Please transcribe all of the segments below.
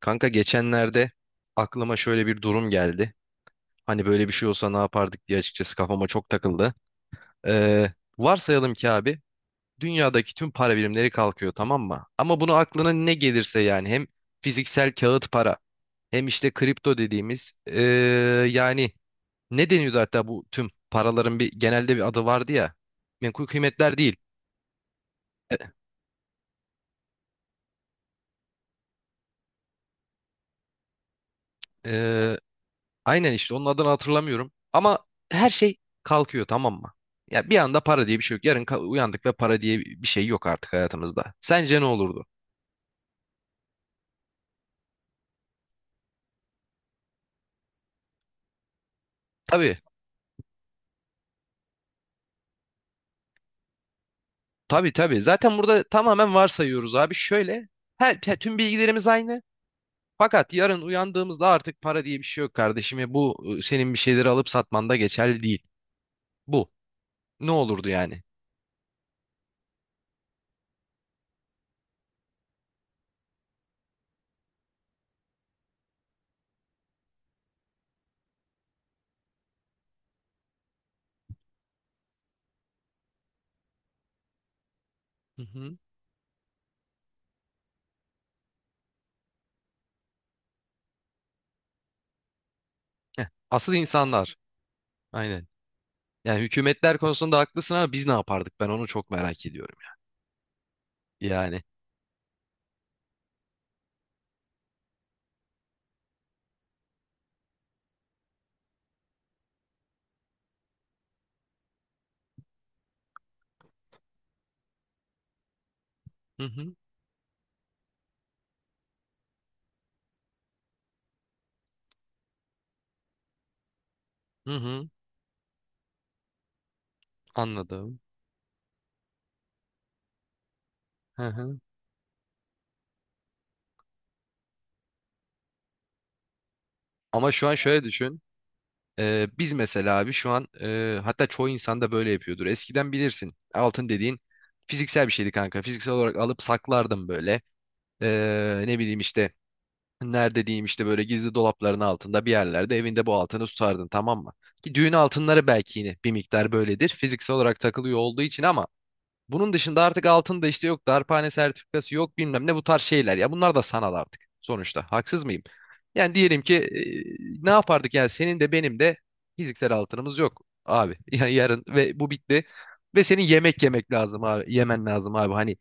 Kanka geçenlerde aklıma şöyle bir durum geldi. Hani böyle bir şey olsa ne yapardık diye açıkçası kafama çok takıldı. Ee, Varsayalım ki abi, dünyadaki tüm para birimleri kalkıyor, tamam mı? Ama bunu aklına ne gelirse, yani hem fiziksel kağıt para hem işte kripto dediğimiz, yani ne deniyordu, hatta bu tüm paraların bir genelde bir adı vardı ya. Menkul kıymetler değil. Ee, Aynen işte, onun adını hatırlamıyorum. Ama her şey kalkıyor, tamam mı? Ya bir anda para diye bir şey yok. Uyandık ve para diye bir şey yok artık hayatımızda. Sence ne olurdu? Tabii, tabii, tabii. Zaten burada tamamen varsayıyoruz abi. Şöyle, tüm bilgilerimiz aynı. Fakat yarın uyandığımızda artık para diye bir şey yok kardeşim. Ve bu, senin bir şeyleri alıp satmanda geçerli değil. Bu. Ne olurdu yani? Hı hı. Heh. Asıl insanlar. Aynen. Yani hükümetler konusunda haklısın ama biz ne yapardık? Ben onu çok merak ediyorum. Yani. Hı hı. Hı hı, anladım. Hı hı. Ama şu an şöyle düşün. Biz mesela abi şu an, hatta çoğu insan da böyle yapıyordur. Eskiden bilirsin, altın dediğin fiziksel bir şeydi kanka. Fiziksel olarak alıp saklardım böyle. Ne bileyim işte, nerede diyeyim, işte böyle gizli dolapların altında bir yerlerde evinde bu altını tutardın, tamam mı? Ki düğün altınları belki yine bir miktar böyledir, fiziksel olarak takılıyor olduğu için. Ama bunun dışında artık altın da işte yok, darphane sertifikası yok, bilmem ne, bu tarz şeyler. Ya bunlar da sanal artık sonuçta. Haksız mıyım? Yani diyelim ki, ne yapardık yani? Senin de benim de fiziksel altınımız yok abi. Yani yarın ve bu bitti. Ve senin yemek yemek lazım abi. Yemen lazım abi. Hani,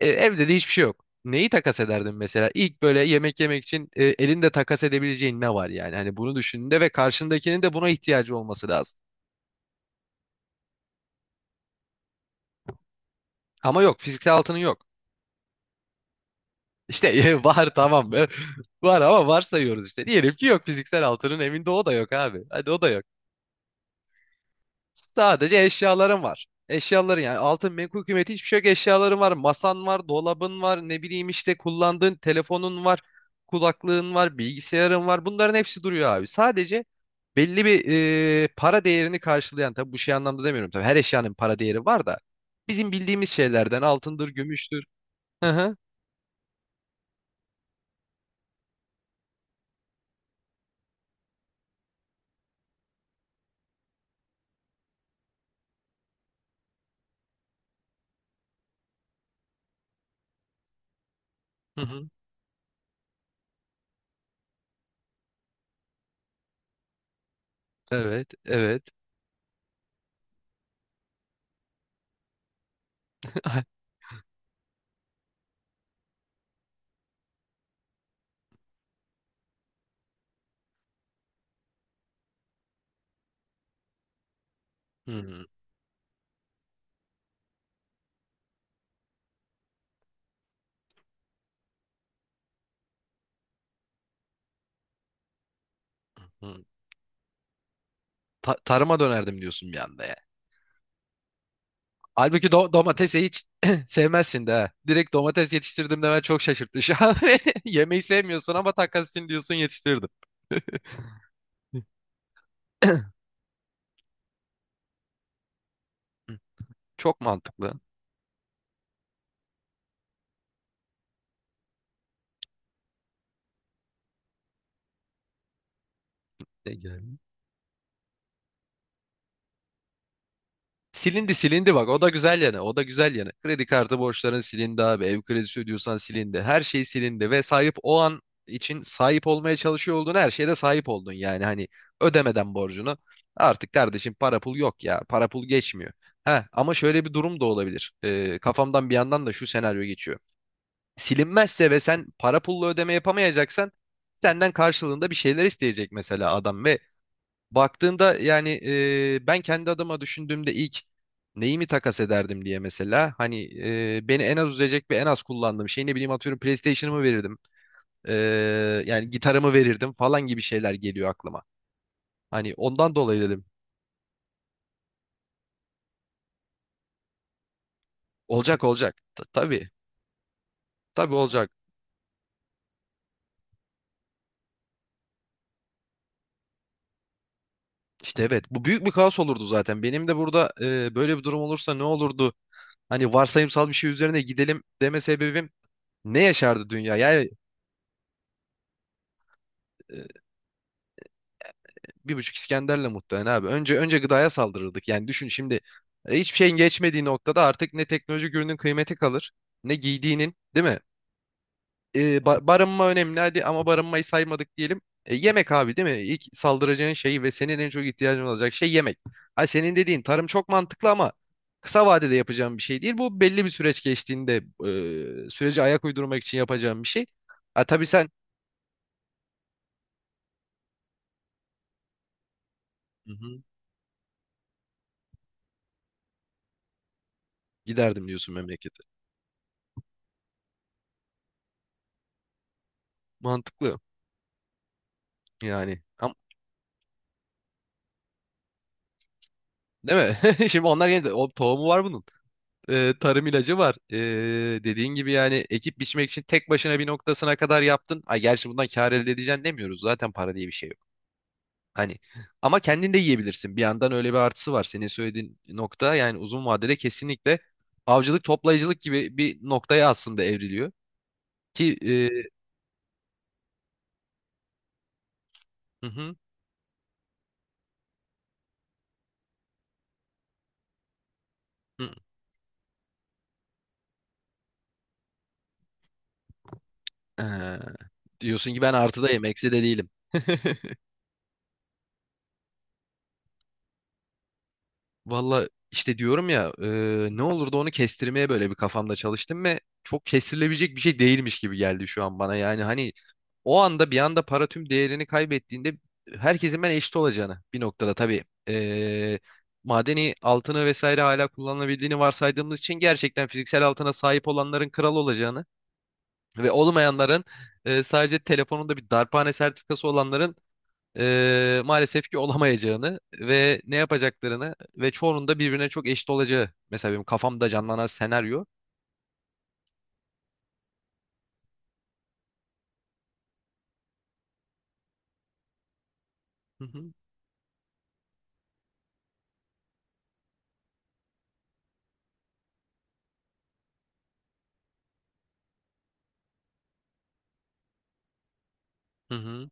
evde de hiçbir şey yok. Neyi takas ederdin mesela? İlk böyle yemek yemek için, elinde takas edebileceğin ne var yani? Hani bunu düşündüğünde ve karşındakinin de buna ihtiyacı olması lazım. Ama yok, fiziksel altının yok. İşte var tamam. Var ama varsayıyoruz işte. Diyelim ki yok, fiziksel altının evinde, o da yok abi. Hadi o da yok. Sadece eşyaların var. Eşyaların, yani altın, menkul kıymeti hiçbir şey yok. Eşyaların var. Masan var, dolabın var, ne bileyim işte kullandığın telefonun var, kulaklığın var, bilgisayarın var. Bunların hepsi duruyor abi. Sadece belli bir, para değerini karşılayan, tabii bu şey anlamda demiyorum, tabii her eşyanın para değeri var da, bizim bildiğimiz şeylerden altındır, gümüştür. Hı hı. Hı hı. Evet, evet. Hmm. Hı. Tarıma dönerdim diyorsun bir anda ya. Halbuki domatesi hiç sevmezsin de. Ha. Direkt domates yetiştirdim demen çok şaşırttı şu an. Yemeği sevmiyorsun ama takas için diyorsun yetiştirdim. Çok mantıklı. Silindi silindi, bak o da güzel yanı, o da güzel yanı. Kredi kartı borçların silindi abi, ev kredisi ödüyorsan silindi, her şey silindi ve sahip o an için sahip olmaya çalışıyor olduğun her şeye de sahip oldun, yani hani ödemeden borcunu. Artık kardeşim para pul yok ya, para pul geçmiyor. Ha ama şöyle bir durum da olabilir. Kafamdan bir yandan da şu senaryo geçiyor. Silinmezse ve sen para pulla ödeme yapamayacaksan, senden karşılığında bir şeyler isteyecek mesela adam. Ve baktığında yani, ben kendi adıma düşündüğümde ilk neyi mi takas ederdim diye, mesela hani, beni en az üzecek ve en az kullandığım şey, ne bileyim, atıyorum PlayStation'ımı verirdim. E, Yani gitarımı verirdim falan gibi şeyler geliyor aklıma. Hani ondan dolayı dedim. Olacak, olacak. Tabii, tabii, olacak. İşte evet, bu büyük bir kaos olurdu. Zaten benim de burada, böyle bir durum olursa ne olurdu, hani varsayımsal bir şey üzerine gidelim deme sebebim, ne yaşardı dünya yani. Bir buçuk İskender'le muhtemelen abi. Önce önce gıdaya saldırırdık. Yani düşün şimdi, hiçbir şeyin geçmediği noktada artık ne teknolojik ürünün kıymeti kalır, ne giydiğinin, değil mi? E, barınma önemli hadi, ama barınmayı saymadık diyelim. E, yemek abi, değil mi? İlk saldıracağın şey ve senin en çok ihtiyacın olacak şey yemek. Ay senin dediğin tarım çok mantıklı ama kısa vadede yapacağım bir şey değil. Bu belli bir süreç geçtiğinde, sürece ayak uydurmak için yapacağım bir şey. Ha, tabii sen. Hı hı. Giderdim diyorsun memlekete. Mantıklı yani. Ama değil mi? Şimdi onlar yeni, o tohumu var bunun. Tarım ilacı var. Dediğin gibi yani, ekip biçmek için tek başına bir noktasına kadar yaptın. Ay gerçi bundan kâr elde edeceksin demiyoruz, zaten para diye bir şey yok. Hani ama kendin de yiyebilirsin. Bir yandan öyle bir artısı var. Senin söylediğin nokta yani uzun vadede kesinlikle avcılık toplayıcılık gibi bir noktaya aslında evriliyor. Ki hı hı, hı, ee, diyorsun ki ben artıdayım, eksi de değilim. Valla işte diyorum ya, ne olur da onu kestirmeye böyle bir kafamda çalıştım ve çok kestirilebilecek bir şey değilmiş gibi geldi şu an bana. Yani hani, o anda bir anda para tüm değerini kaybettiğinde, herkesin ben eşit olacağını bir noktada tabii. Madeni altını vesaire hala kullanılabildiğini varsaydığımız için gerçekten fiziksel altına sahip olanların kral olacağını ve olmayanların, sadece telefonunda bir darphane sertifikası olanların maalesef ki olamayacağını ve ne yapacaklarını ve çoğunun da birbirine çok eşit olacağı. Mesela benim kafamda canlanan senaryo. Hı hı, hı hı,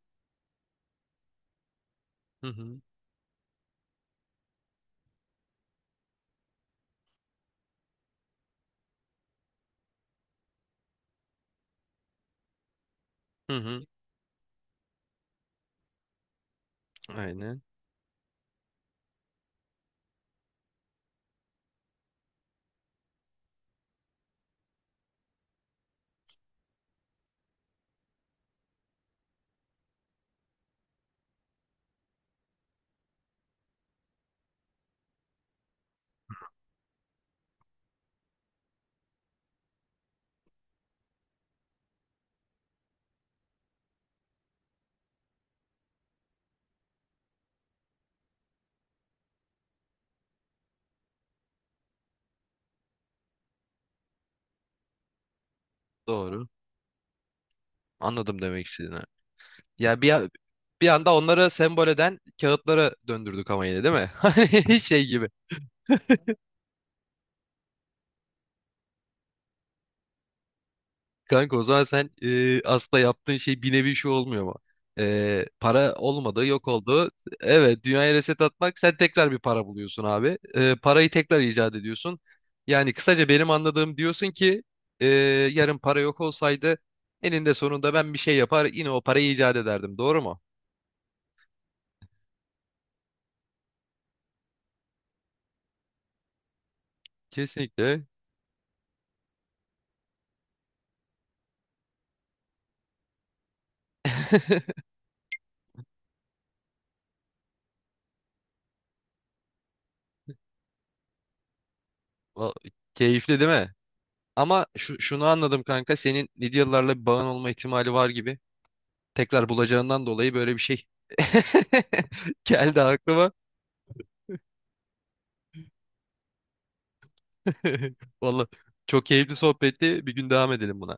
hı hı. Hı hı. Aynen. Doğru. Anladım demek istediğini. Ya bir anda onları sembol eden kağıtlara döndürdük ama, yine değil mi? Hani şey gibi. Kanka o zaman sen, aslında yaptığın şey bir nevi şu olmuyor mu? E, para olmadı, yok oldu. Evet, dünyaya reset atmak. Sen tekrar bir para buluyorsun abi. E, parayı tekrar icat ediyorsun. Yani kısaca benim anladığım, diyorsun ki, e, yarın para yok olsaydı eninde sonunda ben bir şey yapar yine o parayı icat ederdim. Doğru mu? Kesinlikle. Va- Keyifli değil mi? Ama şunu anladım kanka. Senin Lidyalılarla bir bağın olma ihtimali var gibi. Tekrar bulacağından dolayı böyle bir şey geldi aklıma. Vallahi çok keyifli sohbetti. Bir gün devam edelim buna.